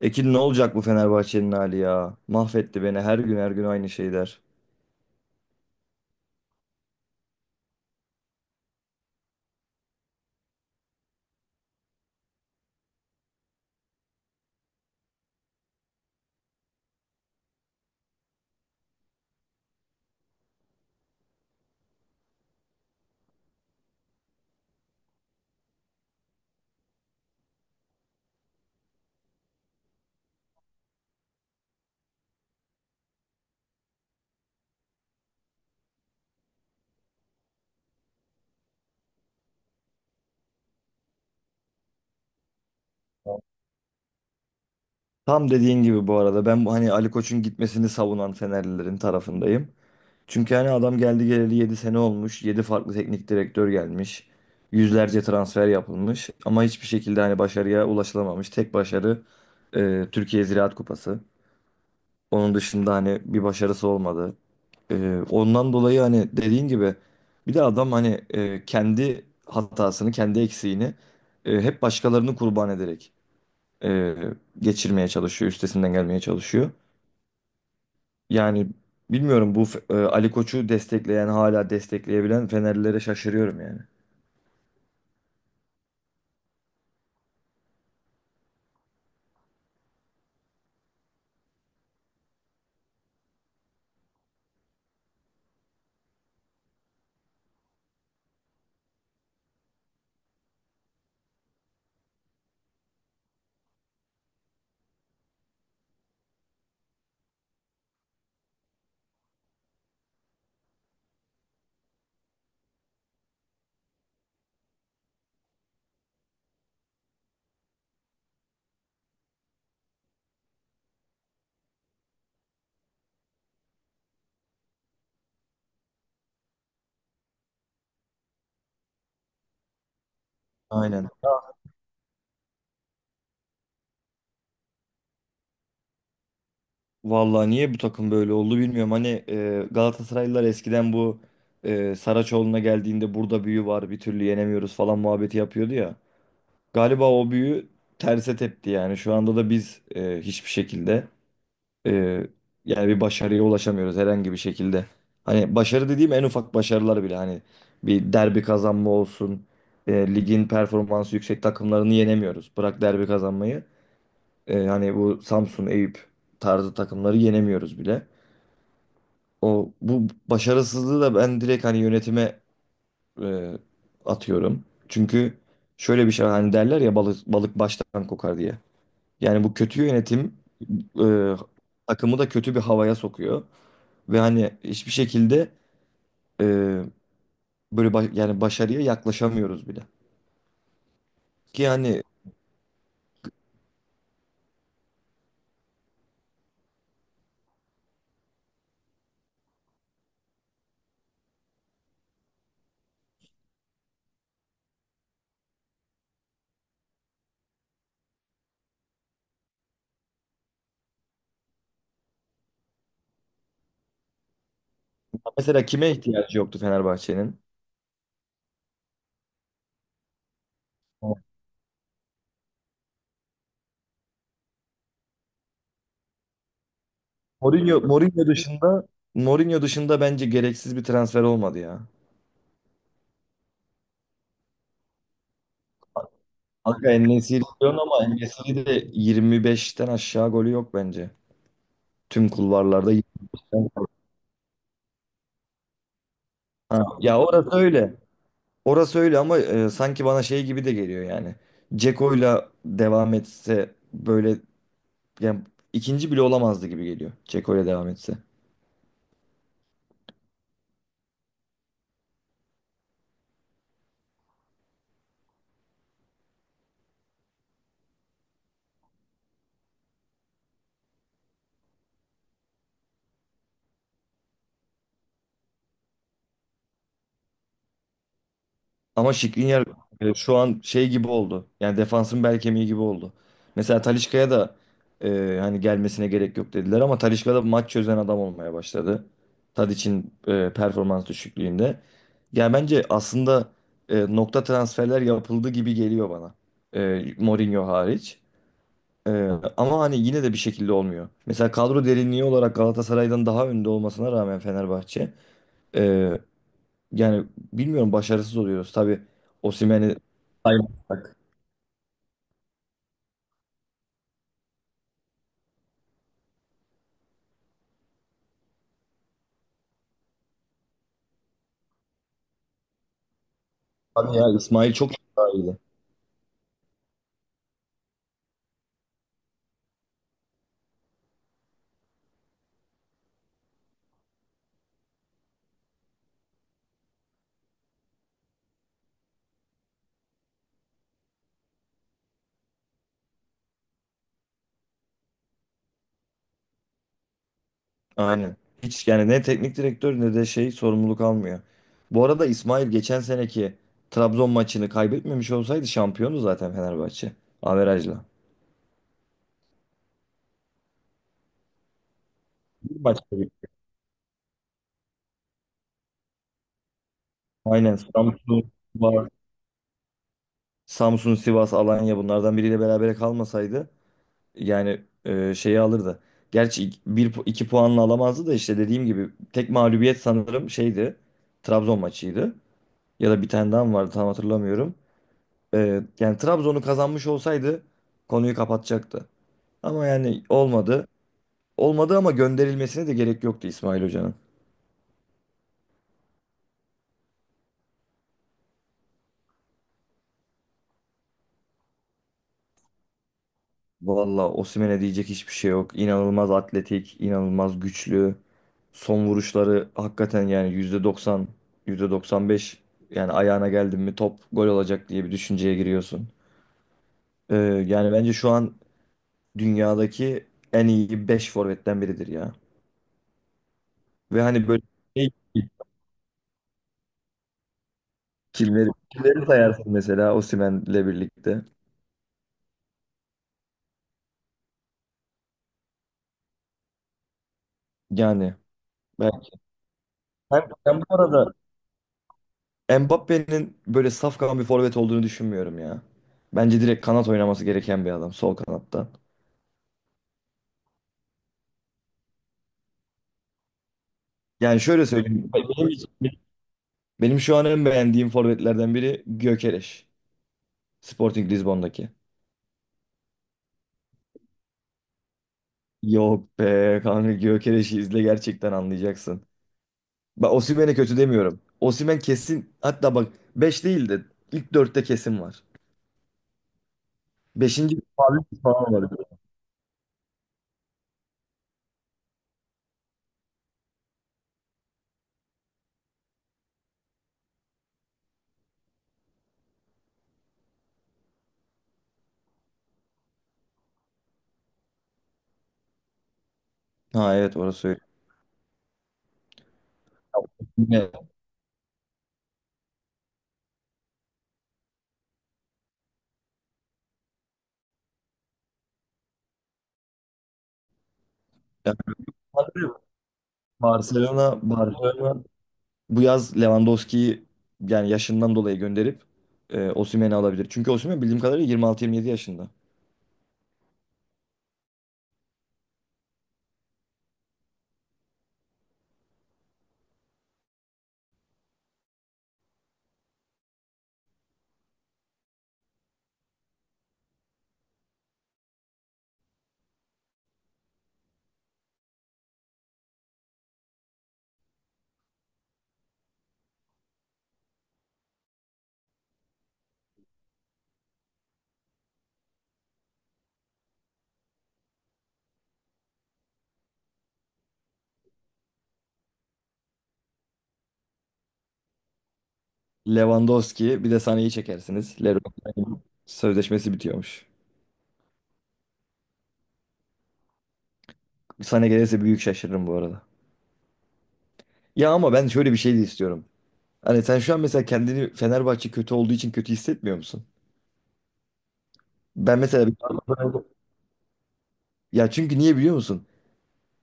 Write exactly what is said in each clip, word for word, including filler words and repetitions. Ekin ne olacak bu Fenerbahçe'nin hali ya? Mahvetti beni her gün her gün aynı şeyler. Tam dediğin gibi bu arada ben bu hani Ali Koç'un gitmesini savunan Fenerlilerin tarafındayım. Çünkü hani adam geldi geleli yedi sene olmuş. Yedi farklı teknik direktör gelmiş. Yüzlerce transfer yapılmış ama hiçbir şekilde hani başarıya ulaşılamamış. Tek başarı e, Türkiye Ziraat Kupası. Onun dışında hani bir başarısı olmadı. Ee, ondan dolayı hani dediğin gibi bir de adam hani e, kendi hatasını, kendi eksiğini e, hep başkalarını kurban ederek e, geçirmeye çalışıyor, üstesinden gelmeye çalışıyor. Yani bilmiyorum bu F- e, Ali Koç'u destekleyen, hala destekleyebilen Fenerlilere şaşırıyorum yani. Aynen. Vallahi niye bu takım böyle oldu bilmiyorum. Hani e, Galatasaraylılar eskiden bu e, Saraçoğlu'na geldiğinde burada büyü var, bir türlü yenemiyoruz falan muhabbeti yapıyordu ya. Galiba o büyü terse tepti yani. Şu anda da biz e, hiçbir şekilde e, yani bir başarıya ulaşamıyoruz herhangi bir şekilde. Hani başarı dediğim en ufak başarılar bile hani bir derbi kazanma olsun. E, ligin performansı yüksek takımlarını yenemiyoruz. Bırak derbi kazanmayı. E, hani bu Samsun, Eyüp tarzı takımları yenemiyoruz bile. O bu başarısızlığı da ben direkt hani yönetime e, atıyorum. Çünkü şöyle bir şey hani derler ya balık balık baştan kokar diye. Yani bu kötü yönetim e, takımı da kötü bir havaya sokuyor ve hani hiçbir şekilde e, böyle ba- yani başarıya yaklaşamıyoruz bile. Ki yani mesela kime ihtiyacı yoktu Fenerbahçe'nin? Mourinho Mourinho dışında Mourinho dışında bence gereksiz bir transfer olmadı ya. Kanka en diyorsun ama en de yirmi beşten aşağı golü yok bence. Tüm kulvarlarda yirmi beşten. Ha, ya orası öyle. Orası öyle ama e, sanki bana şey gibi de geliyor yani. Ceko'yla devam etse böyle yani ikinci bile olamazdı gibi geliyor. Ceko'yla devam etse. Ama Skriniar e, şu an şey gibi oldu. Yani defansın bel kemiği gibi oldu. Mesela Talisca'ya da e, hani gelmesine gerek yok dediler ama Talisca da maç çözen adam olmaya başladı. Tadic'in e, performans düşüklüğünde. Yani bence aslında e, nokta transferler yapıldı gibi geliyor bana. E, Mourinho hariç. Ee, Ama hani yine de bir şekilde olmuyor. Mesela kadro derinliği olarak Galatasaray'dan daha önde olmasına rağmen Fenerbahçe ee, yani bilmiyorum başarısız oluyoruz. Tabii Osimhen'i saymazsak. Tabii ya İsmail çok daha iyiydi. Aynen. Hiç yani ne teknik direktör ne de şey sorumluluk almıyor. Bu arada İsmail geçen seneki Trabzon maçını kaybetmemiş olsaydı şampiyonu zaten Fenerbahçe. Averajla. Bir maç tabii. Aynen Samsun var. Samsun, Sivas, Alanya bunlardan biriyle berabere kalmasaydı yani e, şeyi alırdı. Gerçi ik- bir, pu- iki puanla alamazdı da işte dediğim gibi tek mağlubiyet sanırım şeydi. Trabzon maçıydı. Ya da bir tane daha mı vardı tam hatırlamıyorum. E, yani Trabzon'u kazanmış olsaydı konuyu kapatacaktı. Ama yani olmadı. Olmadı ama gönderilmesine de gerek yoktu İsmail Hoca'nın. Valla Osimhen'e diyecek hiçbir şey yok. İnanılmaz atletik, inanılmaz güçlü. Son vuruşları hakikaten yani yüzde doksan, yüzde doksan beş yani ayağına geldin mi top gol olacak diye bir düşünceye giriyorsun. Ee, Yani bence şu an dünyadaki en iyi beş forvetten biridir ya. Ve hani böyle şey, kimleri, kimleri sayarsın mesela Osimhen'le birlikte. Yani ben, ben, ben bu arada Mbappe'nin böyle safkan bir forvet olduğunu düşünmüyorum ya. Bence direkt kanat oynaması gereken bir adam sol kanatta. Yani şöyle söyleyeyim. Benim, benim şu an en beğendiğim forvetlerden biri Gyökeres. Sporting Lisbon'daki. Yok be kanka Gyökeres'i izle gerçekten anlayacaksın. Bak Osimhen'e kötü demiyorum. Osimhen kesin hatta bak beş değil de ilk dörtte kesin var. Beşinci falan falan var. Ha evet orası öyle. Evet. Barcelona, Barcelona bu yaz Lewandowski'yi yani yaşından dolayı gönderip e, Osimhen'i alabilir. Çünkü Osimhen bildiğim kadarıyla yirmi altı yirmi yedi yaşında. Lewandowski bir de Sané'yi çekersiniz. Leroy'un sözleşmesi bitiyormuş. Sané gelirse büyük şaşırırım bu arada. Ya ama ben şöyle bir şey de istiyorum. Hani sen şu an mesela kendini Fenerbahçe kötü olduğu için kötü hissetmiyor musun? Ben mesela ya çünkü niye biliyor musun?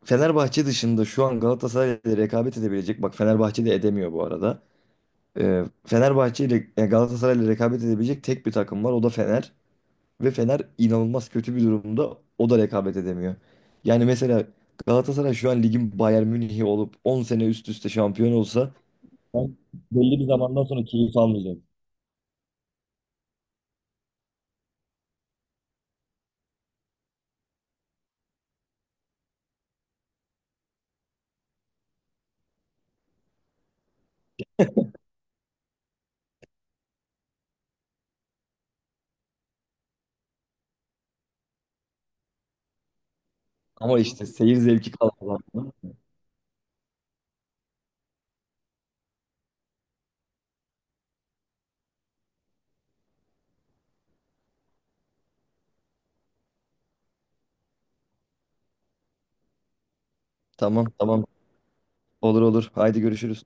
Fenerbahçe dışında şu an Galatasaray'la rekabet edebilecek. Bak Fenerbahçe de edemiyor bu arada. E, Fenerbahçe ile e, Galatasaray ile rekabet edebilecek tek bir takım var. O da Fener. Ve Fener inanılmaz kötü bir durumda. O da rekabet edemiyor. Yani mesela Galatasaray şu an ligin Bayern Münih'i olup on sene üst üste şampiyon olsa ben belli bir zamandan sonra keyif almayacağım. Ama işte seyir zevki kalmadı. Tamam tamam olur olur. Haydi görüşürüz.